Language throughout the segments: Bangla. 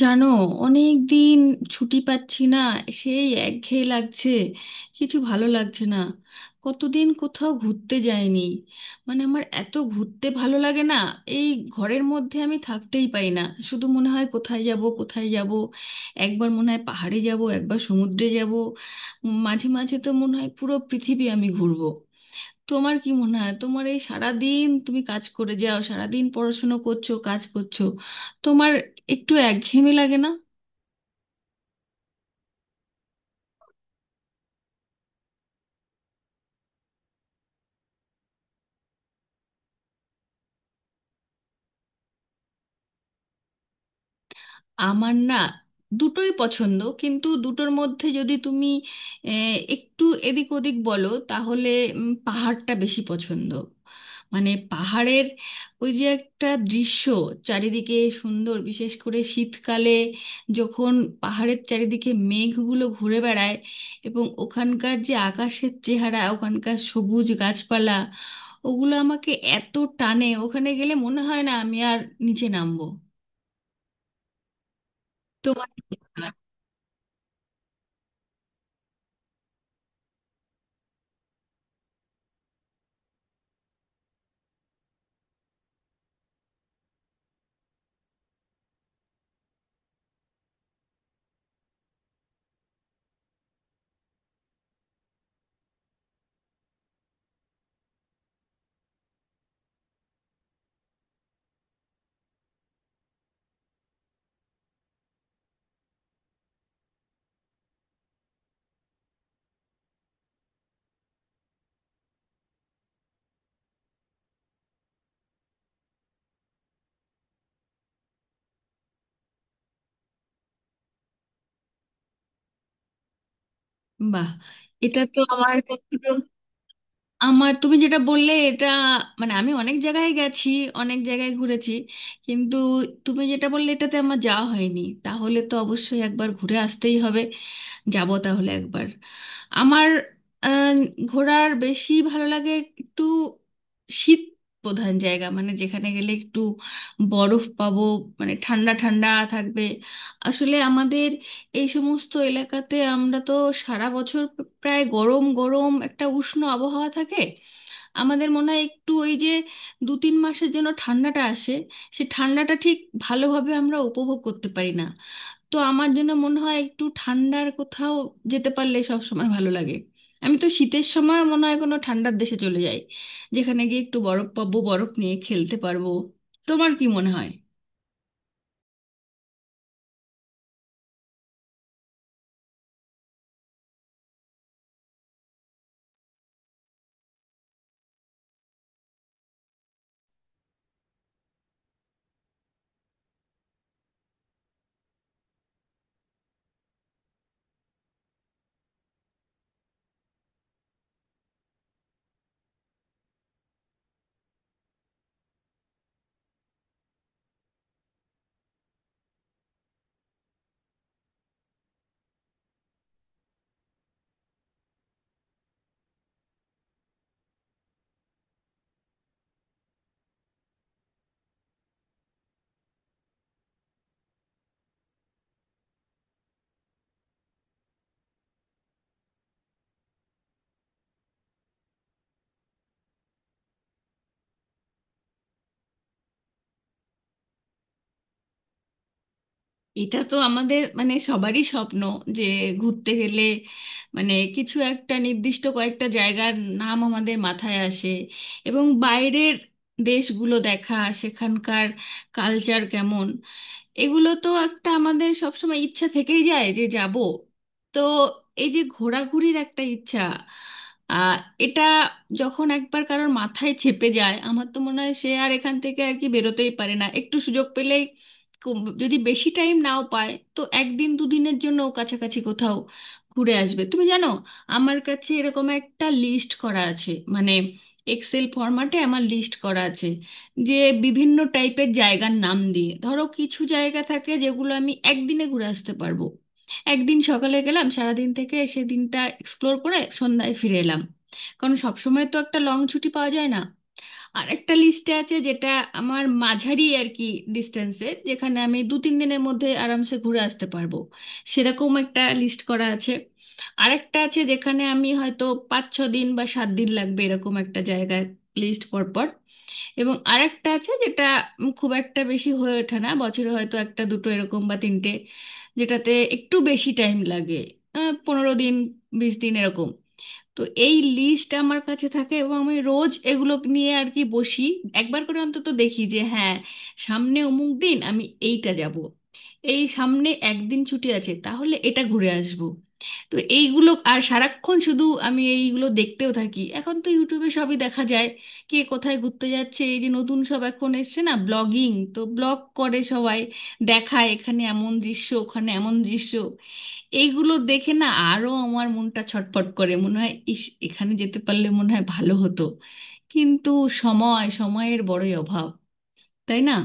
জানো, অনেক দিন ছুটি পাচ্ছি না। সেই একঘেয়ে লাগছে, কিছু ভালো লাগছে না। কতদিন কোথাও ঘুরতে যাইনি। মানে আমার এত ঘুরতে ভালো লাগে না এই, ঘরের মধ্যে আমি থাকতেই পারি না। শুধু মনে হয় কোথায় যাব কোথায় যাব। একবার মনে হয় পাহাড়ে যাব, একবার সমুদ্রে যাব। মাঝে মাঝে তো মনে হয় পুরো পৃথিবী আমি ঘুরবো। তোমার কি মনে হয়, তোমার এই সারাদিন তুমি কাজ করে যাও, সারাদিন পড়াশুনো করছো, কাজ করছো, তোমার একটু একঘেয়েমি লাগে না? আমার না দুটোই পছন্দ, কিন্তু দুটোর মধ্যে যদি তুমি একটু এদিক ওদিক বলো তাহলে পাহাড়টা বেশি পছন্দ। মানে পাহাড়ের ওই যে একটা দৃশ্য চারিদিকে সুন্দর, বিশেষ করে শীতকালে যখন পাহাড়ের চারিদিকে মেঘগুলো ঘুরে বেড়ায় এবং ওখানকার যে আকাশের চেহারা, ওখানকার সবুজ গাছপালা, ওগুলো আমাকে এত টানে, ওখানে গেলে মনে হয় না আমি আর নিচে নামবো। তোমার কি মনে হয়? বাহ। এটা তো আমার কখনো, আমার তুমি যেটা বললে এটা, মানে আমি অনেক জায়গায় গেছি, অনেক জায়গায় ঘুরেছি, কিন্তু তুমি যেটা বললে এটাতে আমার যাওয়া হয়নি, তাহলে তো অবশ্যই একবার ঘুরে আসতেই হবে। যাব তাহলে একবার। আমার আহ, ঘোরার বেশি ভালো লাগে একটু শীত প্রধান জায়গা, মানে যেখানে গেলে একটু বরফ পাবো, মানে ঠান্ডা ঠান্ডা থাকবে। আসলে আমাদের এই সমস্ত এলাকাতে আমরা তো সারা বছর প্রায় গরম গরম একটা উষ্ণ আবহাওয়া থাকে। আমাদের মনে হয় একটু ওই যে 2-3 মাসের জন্য ঠান্ডাটা আসে, সে ঠান্ডাটা ঠিক ভালোভাবে আমরা উপভোগ করতে পারি না। তো আমার জন্য মনে হয় একটু ঠান্ডার কোথাও যেতে পারলে সব সময় ভালো লাগে। আমি তো শীতের সময় মনে হয় কোনো ঠান্ডার দেশে চলে যাই, যেখানে গিয়ে একটু বরফ পাবো, বরফ নিয়ে খেলতে পারবো। তোমার কি মনে হয়? এটা তো আমাদের মানে সবারই স্বপ্ন, যে ঘুরতে গেলে মানে কিছু একটা নির্দিষ্ট কয়েকটা জায়গার নাম আমাদের মাথায় আসে, এবং বাইরের দেশগুলো দেখা, সেখানকার কালচার কেমন, এগুলো তো একটা আমাদের সবসময় ইচ্ছা থেকেই যায় যে যাব। তো এই যে ঘোরাঘুরির একটা ইচ্ছা, আহ এটা যখন একবার কারোর মাথায় চেপে যায় আমার তো মনে হয় সে আর এখান থেকে আর কি বেরোতেই পারে না। একটু সুযোগ পেলেই যদি বেশি টাইম নাও পায় তো একদিন দুদিনের জন্য ও কাছাকাছি কোথাও ঘুরে আসবে। তুমি জানো, আমার কাছে এরকম একটা লিস্ট করা আছে মানে এক্সেল ফরম্যাটে আমার লিস্ট করা আছে, যে বিভিন্ন টাইপের জায়গার নাম দিয়ে, ধরো কিছু জায়গা থাকে যেগুলো আমি একদিনে ঘুরে আসতে পারবো, একদিন সকালে গেলাম সারাদিন থেকে সেদিনটা এক্সপ্লোর করে সন্ধ্যায় ফিরে এলাম, কারণ সব সময় তো একটা লং ছুটি পাওয়া যায় না। আর একটা লিস্টে আছে যেটা আমার মাঝারি আর কি ডিস্টেন্সের, যেখানে আমি 2-3 দিনের মধ্যে আরামসে ঘুরে আসতে পারবো, সেরকম একটা লিস্ট করা আছে। আর একটা আছে যেখানে আমি হয়তো 5-6 দিন বা 7 দিন লাগবে, এরকম একটা জায়গায় লিস্ট পরপর। এবং আরেকটা আছে যেটা খুব একটা বেশি হয়ে ওঠে না, বছরে হয়তো একটা দুটো এরকম বা তিনটে, যেটাতে একটু বেশি টাইম লাগে, 15 দিন 20 দিন এরকম। তো এই লিস্ট আমার কাছে থাকে এবং আমি রোজ এগুলো নিয়ে আর কি বসি, একবার করে অন্তত দেখি যে হ্যাঁ সামনে অমুক দিন আমি এইটা যাব, এই সামনে একদিন ছুটি আছে তাহলে এটা ঘুরে আসব। তো এইগুলো আর সারাক্ষণ শুধু আমি এইগুলো দেখতেও থাকি, এখন তো ইউটিউবে সবই দেখা যায়, কে কোথায় ঘুরতে যাচ্ছে। এই যে নতুন সব এখন এসছে না ব্লগিং, তো ব্লগ করে সবাই, দেখায় এখানে এমন দৃশ্য, ওখানে এমন দৃশ্য। এইগুলো দেখে না আরো আমার মনটা ছটফট করে, মনে হয় ইস এখানে যেতে পারলে মনে হয় ভালো হতো। কিন্তু সময় সময়ের বড়ই অভাব, তাই না?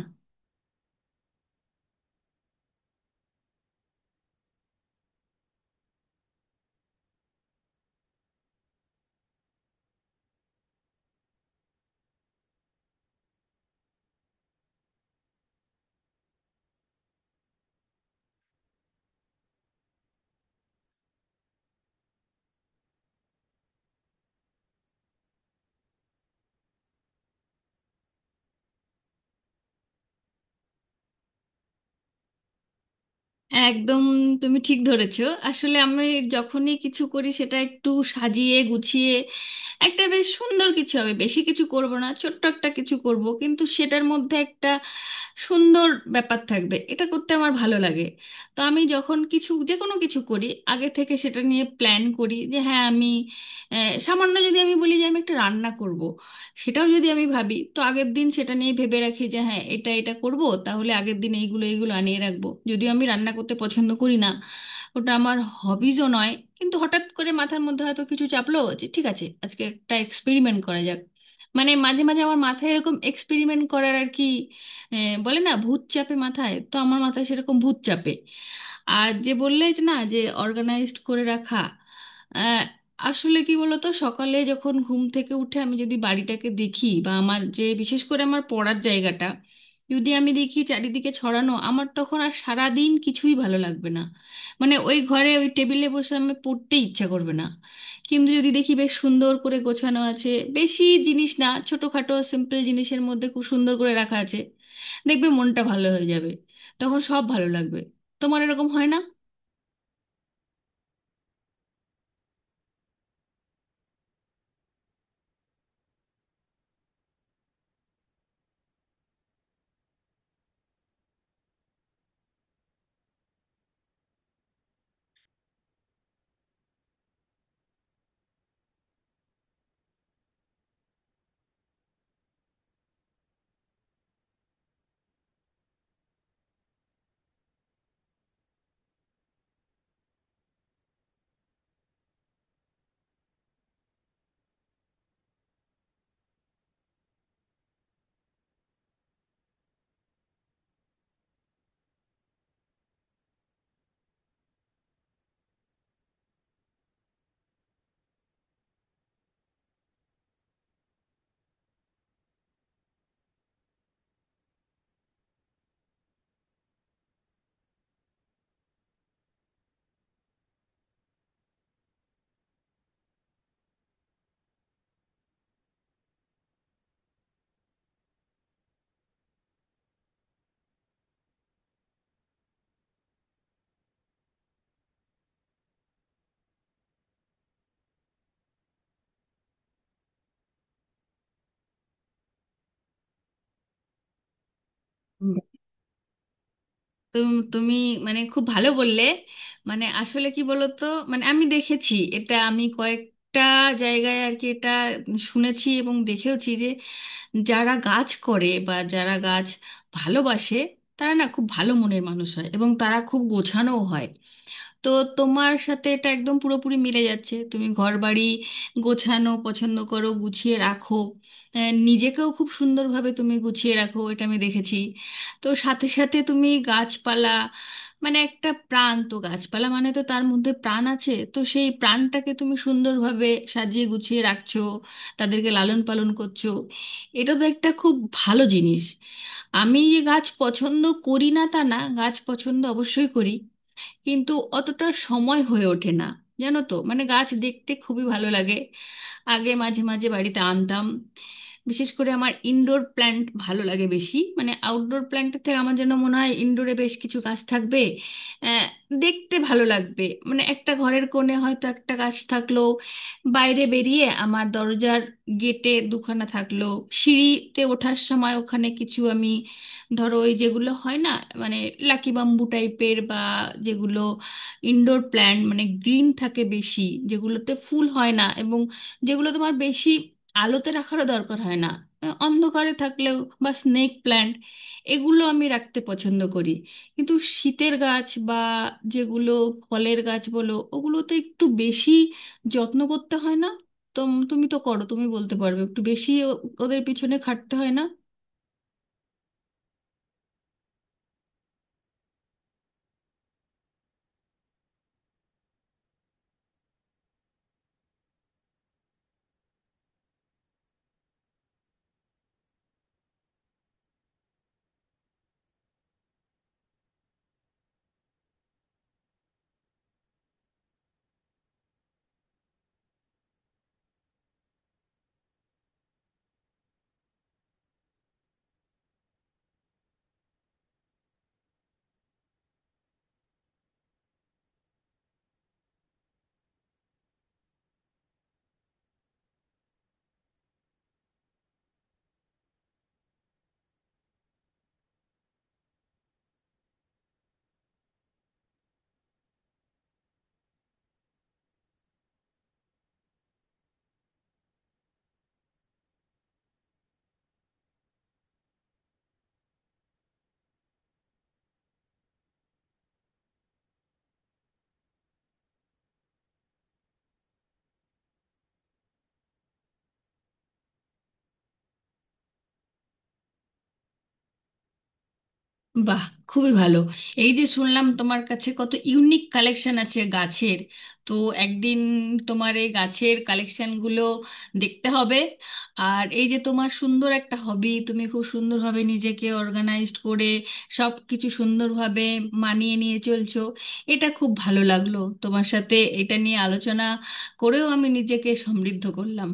একদম। তুমি ঠিক ধরেছো। আসলে আমি যখনই কিছু করি সেটা একটু সাজিয়ে গুছিয়ে একটা বেশ সুন্দর কিছু হবে, বেশি কিছু করব না ছোট্ট একটা কিছু করব কিন্তু সেটার মধ্যে একটা সুন্দর ব্যাপার থাকবে, এটা করতে আমার ভালো লাগে। তো আমি যখন কিছু যে কোনো কিছু করি আগে থেকে সেটা নিয়ে প্ল্যান করি যে হ্যাঁ আমি, সামান্য যদি আমি বলি যে আমি একটা রান্না করব, সেটাও যদি আমি ভাবি তো আগের দিন সেটা নিয়ে ভেবে রাখি যে হ্যাঁ এটা এটা করব, তাহলে আগের দিন এইগুলো এইগুলো আনিয়ে রাখবো, যদিও আমি রান্না করতে পছন্দ করি না, ওটা আমার হবিজও নয়। কিন্তু হঠাৎ করে মাথার মধ্যে হয়তো কিছু চাপলো যে ঠিক আছে আজকে একটা এক্সপেরিমেন্ট করা যাক, মানে মাঝে মাঝে আমার মাথায় এরকম এক্সপেরিমেন্ট করার আর কি, বলে না ভূত চাপে মাথায়, তো আমার মাথায় সেরকম ভূত চাপে। আর যে বললে যে না যে অর্গানাইজড করে রাখা, আসলে কি বলতো সকালে যখন ঘুম থেকে উঠে আমি যদি বাড়িটাকে দেখি বা আমার যে বিশেষ করে আমার পড়ার জায়গাটা যদি আমি দেখি চারিদিকে ছড়ানো, আমার তখন আর সারা দিন কিছুই ভালো লাগবে না। মানে ওই ঘরে ওই টেবিলে বসে আমি পড়তে ইচ্ছা করবে না। কিন্তু যদি দেখি বেশ সুন্দর করে গোছানো আছে, বেশি জিনিস না ছোটখাটো সিম্পল জিনিসের মধ্যে খুব সুন্দর করে রাখা আছে, দেখবে মনটা ভালো হয়ে যাবে, তখন সব ভালো লাগবে। তোমার এরকম হয় না? তুমি মানে খুব ভালো বললে। মানে আসলে কি বলতো, মানে আমি দেখেছি এটা আমি কয়েকটা জায়গায় আর কি এটা শুনেছি এবং দেখেওছি যে যারা গাছ করে বা যারা গাছ ভালোবাসে তারা না খুব ভালো মনের মানুষ হয় এবং তারা খুব গোছানোও হয়। তো তোমার সাথে এটা একদম পুরোপুরি মিলে যাচ্ছে, তুমি ঘরবাড়ি গোছানো পছন্দ করো, গুছিয়ে রাখো, নিজেকেও খুব সুন্দরভাবে তুমি গুছিয়ে রাখো, এটা আমি দেখেছি। তো সাথে সাথে তুমি গাছপালা, মানে একটা প্রাণ, তো গাছপালা মানে তো তার মধ্যে প্রাণ আছে, তো সেই প্রাণটাকে তুমি সুন্দরভাবে সাজিয়ে গুছিয়ে রাখছো, তাদেরকে লালন পালন করছো, এটা তো একটা খুব ভালো জিনিস। আমি যে গাছ পছন্দ করি না তা না, গাছ পছন্দ অবশ্যই করি, কিন্তু অতটা সময় হয়ে ওঠে না। জানো তো মানে গাছ দেখতে খুবই ভালো লাগে। আগে মাঝে মাঝে বাড়িতে আনতাম। বিশেষ করে আমার ইনডোর প্ল্যান্ট ভালো লাগে বেশি, মানে আউটডোর প্ল্যান্টের থেকে, আমার যেন মনে হয় ইনডোরে বেশ কিছু গাছ থাকবে, আহ, দেখতে ভালো লাগবে। মানে একটা ঘরের কোণে হয়তো একটা গাছ থাকলো, বাইরে বেরিয়ে আমার দরজার গেটে দুখানা থাকলো, সিঁড়িতে ওঠার সময় ওখানে কিছু আমি ধরো ওই যেগুলো হয় না মানে লাকি বাম্বু টাইপের বা যেগুলো ইনডোর প্ল্যান্ট মানে গ্রিন থাকে বেশি, যেগুলোতে ফুল হয় না এবং যেগুলো তোমার বেশি আলোতে রাখারও দরকার হয় না, অন্ধকারে থাকলেও, বা স্নেক প্ল্যান্ট, এগুলো আমি রাখতে পছন্দ করি। কিন্তু শীতের গাছ বা যেগুলো ফলের গাছ বলো ওগুলোতে একটু বেশি যত্ন করতে হয় না? তো তুমি তো করো, তুমি বলতে পারবে একটু বেশি ওদের পিছনে খাটতে হয় না। বাহ, খুবই ভালো। এই যে শুনলাম তোমার কাছে কত ইউনিক কালেকশন আছে গাছের। তো একদিন তোমার এই গাছের কালেকশনগুলো দেখতে হবে। আর এই যে তোমার সুন্দর একটা হবি, তুমি খুব সুন্দরভাবে নিজেকে অর্গানাইজড করে সব কিছু সুন্দরভাবে মানিয়ে নিয়ে চলছো, এটা খুব ভালো লাগলো। তোমার সাথে এটা নিয়ে আলোচনা করেও আমি নিজেকে সমৃদ্ধ করলাম।